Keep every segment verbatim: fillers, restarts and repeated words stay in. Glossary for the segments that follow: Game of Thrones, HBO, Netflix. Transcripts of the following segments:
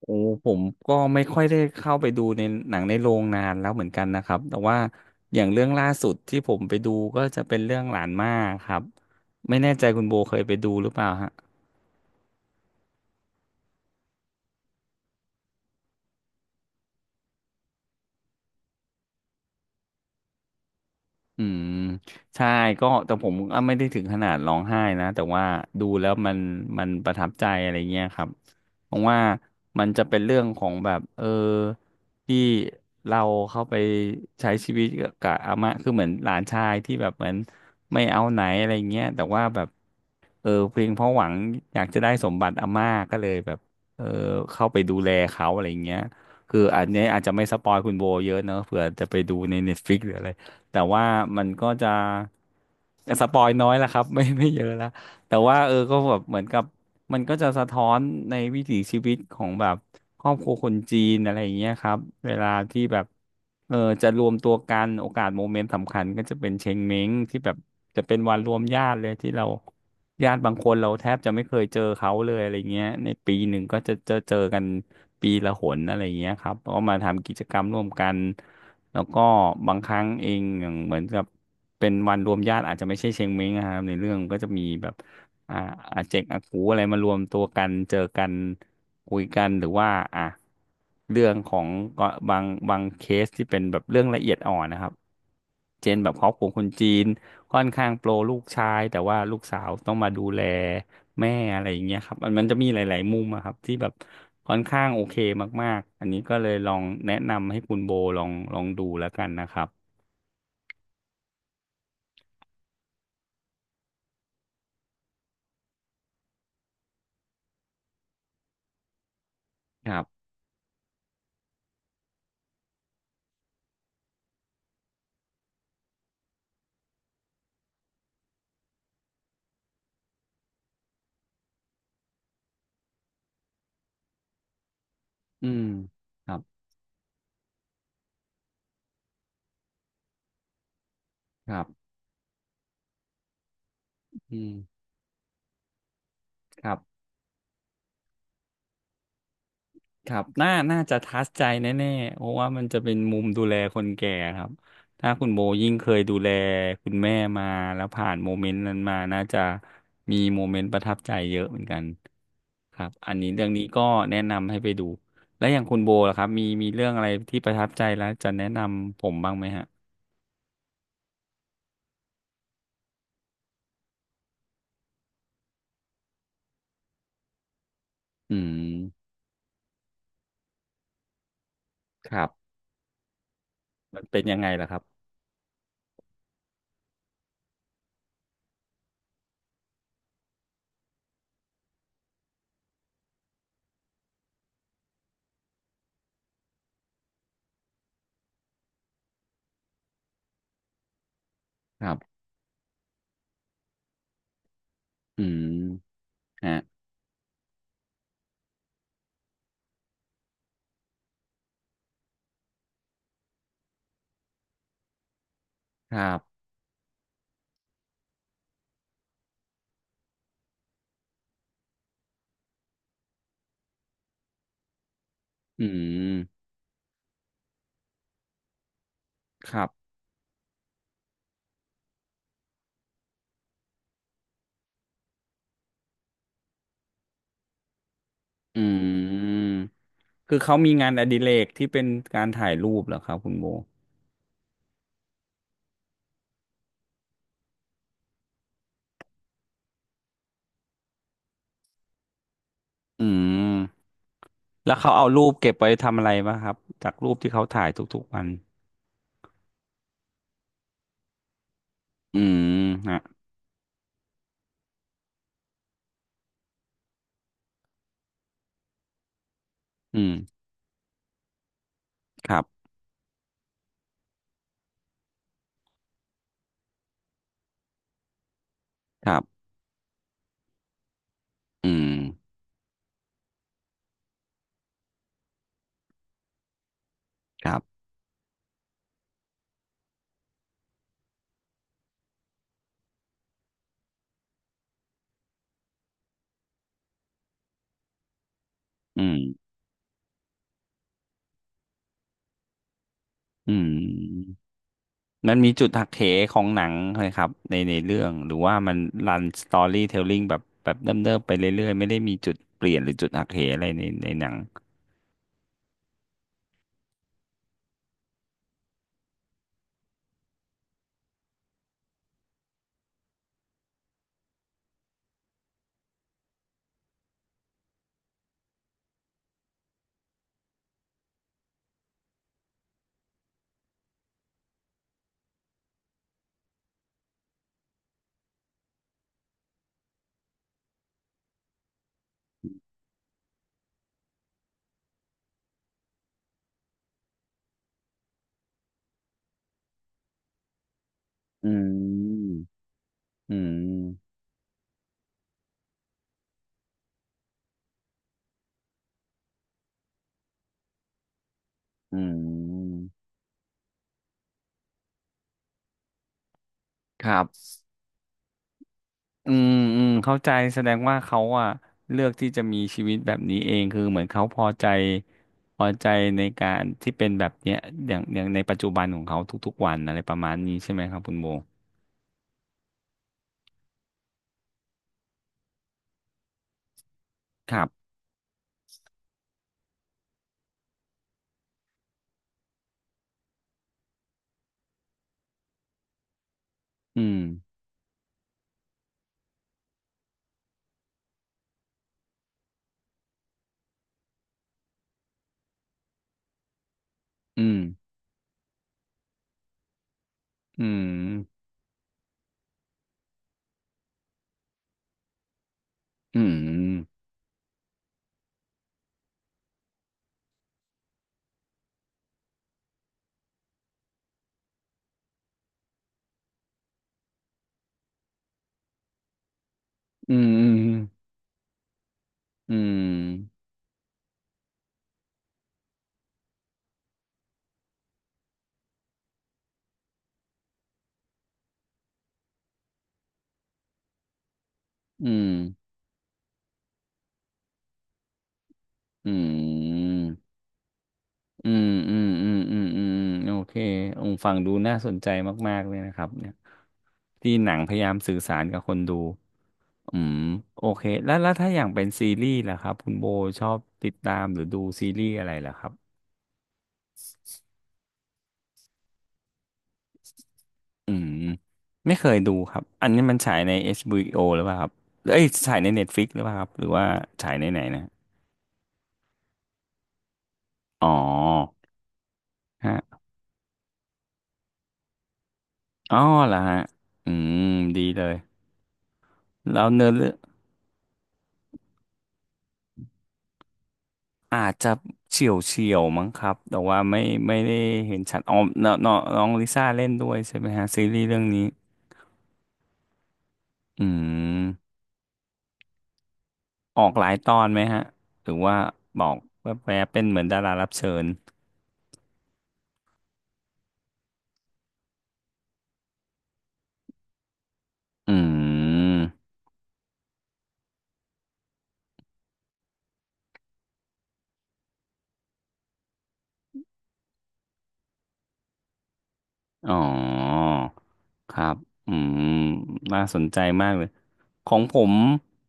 โอ้ผมก็ไม่ค่อยได้เข้าไปดูในหนังในโรงนานแล้วเหมือนกันนะครับแต่ว่าอย่างเรื่องล่าสุดที่ผมไปดูก็จะเป็นเรื่องหลานมาครับไม่แน่ใจคุณโบเคยไปดูหรือเปล่าฮะ อืมใช่ก็แต่ผมอ่ะไม่ได้ถึงขนาดร้องไห้นะแต่ว่าดูแล้วมันมันประทับใจอะไรเงี้ยครับเพราะว่ามันจะเป็นเรื่องของแบบเออที่เราเข้าไปใช้ชีวิตกับอาม่าคือเหมือนหลานชายที่แบบเหมือนไม่เอาไหนอะไรเงี้ยแต่ว่าแบบเออเพียงเพราะหวังอยากจะได้สมบัติอาม่าก็เลยแบบเออเข้าไปดูแลเขาอะไรเงี้ยคืออันเนี้ยอาจจะไม่สปอยคุณโบเยอะเนอะเผื่อจะไปดูใน Netflix หรืออะไร แต่ว่ามันก็จะสปอยน้อยและครับ ไม่ไม่เยอะและแต่ว่าเออก็แบบเหมือนกับมันก็จะสะท้อนในวิถีชีวิตของแบบครอบครัวคนจีนอะไรอย่างเงี้ยครับเวลาที่แบบเออจะรวมตัวกันโอกาสโมเมนต์สำคัญก็จะเป็นเชงเม้งที่แบบจะเป็นวันรวมญาติเลยที่เราญาติบางคนเราแทบจะไม่เคยเจอเขาเลยอะไรเงี้ยในปีหนึ่งก็จะเจอเจอกันปีละหนอะไรเงี้ยครับก็มาทำกิจกรรมร่วมกัน แล้วก็บางครั้งเองอย่างเหมือนกับเป็นวันรวมญาติอาจจะไม่ใช่เชงเม้งนะครับในเรื่องก็จะมีแบบอ่าอาเจกอากูอะไรมารวมตัวกันเจอกันคุยกันหรือว่าอ่ะเรื่องของก็บางบางเคสที่เป็นแบบเรื่องละเอียดอ่อนนะครับเช่นแบบครอบครัวคนจีนค่อนข้างโปรลูกชายแต่ว่าลูกสาวต้องมาดูแล แม่อะไรอย่างเงี้ยครับมันมันจะมีหลายๆมุมอะครับที่แบบค่อนข้างโอเคมากๆอันนี้ก็เลยลองแนะนำให้คุณโบลองลองดูแล้วกันนะครับครับอืมครับครับอืมครับครับน่าน่าจะทัชใจแน่ๆเพราะว่ามันจะเป็นมุมดูแลคนแก่ครับถ้าคุณโบยิ่งเคยดูแลคุณแม่มาแล้วผ่านโมเมนต์นั้นมาน่าจะมีโมเมนต์ประทับใจเยอะเหมือนกัน ครับอันนี้เรื่องนี้ก็แนะนำให้ไปดูแล้วอย่างคุณโบล่ะครับมีมีเรื่องอะไรที่ประทับใจแล้วจะแนะนำผมบ้างไหมฮะอืม ครับมันเป็นยังไงล่ะครับครับอืมฮะครับอืมครับ อืม คือเขามีงานอดิเรกที่เป็นการถ่ายรูปเหรอครับคุณโบอืม แล้วเขาเอารูปเก็บไว้ทำอะไรบ้างครับจากรูปที่เขาถ่ายทุกๆวันอืมฮะอืม ครับ ครับ อืมครับอืมอืม มันมีจุดหักเหของหนังเลยครับในในเรื่องหรือว่ามันรันสตอรี่เทลลิ่งแบบแบบเดิมๆไปเรื่อยๆไม่ได้มีจุดเปลี่ยนหรือจุดหักเหอะไรในในหนังอืมอืมอืมครับอืมอืมเข้าใจแสดงว่าเขาอะเลือกที่จะมีชีวิตแบบนี้เองคือเหมือนเขาพอใจพอใจในการที่เป็นแบบเนี้ยอย่างอย่างในปัจจุบันของเขาทุกๆวันอะไรประมาณนี้ใช่ไหมครับคุณโบครับอืมอืมอืม อืมอืมอืมอืมอืมอืมอืมอืมอืมอืมโอเคองค์ฟังดูน่าสนใจมากๆเลยนะครับเนี่ยที่หนังพยายามสื่อสารกับคนดูอืมโอเคแล้วแล้วถ้าอย่างเป็นซีรีส์ล่ะครับคุณโบชอบติดตามหรือดูซีรีส์อะไรล่ะครับอืมไม่เคยดูครับอันนี้มันฉายใน เอช บี โอ หรือเปล่าครับเอ้ยฉายใน Netflix หรือเปล่าครับหรือว่าฉายในไหนนะอ๋อ อ๋อเหรอฮะ อืม ดีเลย แล้วเนื้อเรื่องอาจจะเฉียวเฉียวมั้งครับ แต่ว่าไม่ไม่ได้เห็นชัดอ๋อน้องน้องน้องลิซ่าเล่นด้วยใช่ไหมฮะซีรีส์เรื่องนี้ อืม ออกหลายตอนไหมฮะ หรือว่าบอกแวบๆเป็นเหมือนดารารับเชิญ อืม อ๋อครับอืมน่าสนใจมากเลย ของผม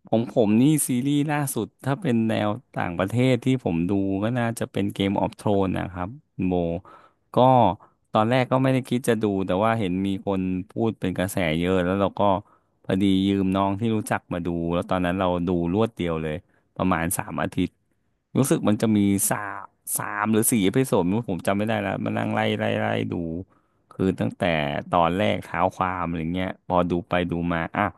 ของผมนี่ซีรีส์ล่าสุดถ้าเป็นแนวต่างประเทศที่ผมดูก็น่าจะเป็น Game of Thrones นะครับคุณโบก็ตอนแรกก็ไม่ได้คิดจะดูแต่ว่าเห็นมีคนพูดเป็นกระแสเยอะแล้วเราก็พอดียืมน้องที่รู้จักมาดูแล้วตอนนั้นเราดูรวดเดียวเลยประมาณสามอาทิตย์รู้สึกมันจะมีสามสามหรือสี่เอพิโซดไม่รู้ผมจำไม่ได้แล้วมานั่งไล่ไล่ไล่ดู คือตั้งแต่ตอนแรกเท้าความอะไรเงี้ยพอดูไปดูมาอาว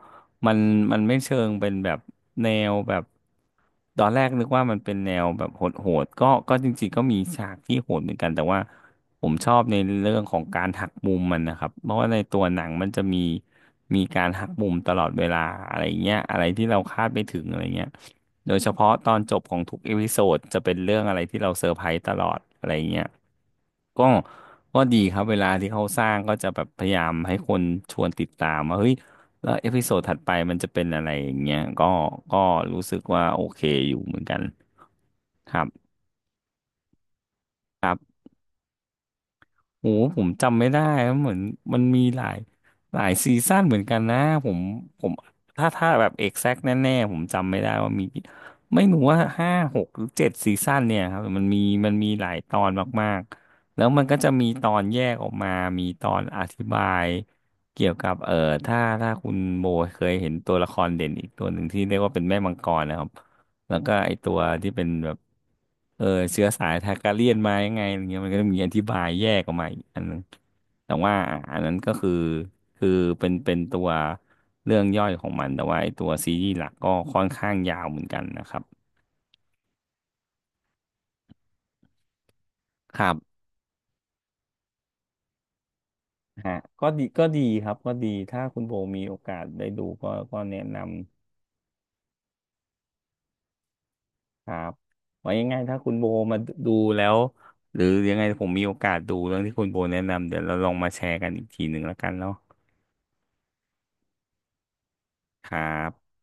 มันมันไม่เชิงเป็นแบบแนวแบบตอนแรกนึกว่ามันเป็นแนวแบบโหดๆก็ก็จริงๆก็มีฉากที่โหดเหมือนกันแต่ว่าผมชอบในเรื่องของการหักมุมมันนะครับเพราะว่าในตัวหนังมันจะมีมีการหักมุมตลอดเวลาอะไรเงี้ยอะไรที่เราคาดไม่ถึงอะไรเงี้ยโดยเฉพาะตอนจบของทุกเอพิโซดจะเป็นเรื่องอะไรที่เราเซอร์ไพรส์ตลอดอะไรเงี้ยก็ ก็ดีครับเวลาที่เขาสร้างก็จะแบบพยายามให้คนชวนติดตามว่าเฮ้ยแล้วเอพิโซดถัดไปมันจะเป็นอะไรอย่างเงี้ยก็ก็รู้สึกว่าโอเคอยู่เหมือนกันครับ โอ้ผมจำไม่ได้ครับเหมือนมันมีหลายหลายซีซั่นเหมือนกันนะผมผมถ้าถ้าแบบเอก ซี ที กแน่ๆผมจำไม่ได้ว่ามีไม่รู้ว่าห้าหกหรือเจ็ดซีซั่นเนี่ยครับมันมีมันมีหลายตอนมากๆแล้วมันก็จะมีตอนแยกออกมามีตอนอธิบายเกี่ยวกับเอ่อถ้าถ้าคุณโบเคยเห็นตัวละครเด่นอีกตัวหนึ่งที่เรียกว่าเป็นแม่มังกรนะครับ แล้วก็ไอตัวที่เป็นแบบเออเชื้อสายทาการเลียนมายังไงอะไรเงี้ยมันก็จะมีอธิบายแยกออกมาอีกอันนึงแต่ว่าอะอันนั้นก็คือคือเป็นเป็นตัวเรื่องย่อยของมันแต่ว่าไอตัวซีรีส์หลักก็ค่อนข้างยาวเหมือนกันนะครับครับฮะก็ดีก็ดีครับก็ดีถ้าคุณโบมีโอกาสได้ดูก็ก็แนะนำครับไว้ยังไงถ้าคุณโบมาดูแล้วหรือยังไงผมมีโอกาสดูเรื่องที่คุณโบแนะนำเดี๋ยวเราลองมาแชร์กันอีกทีหนึ่งแล้วกันเนาะครับ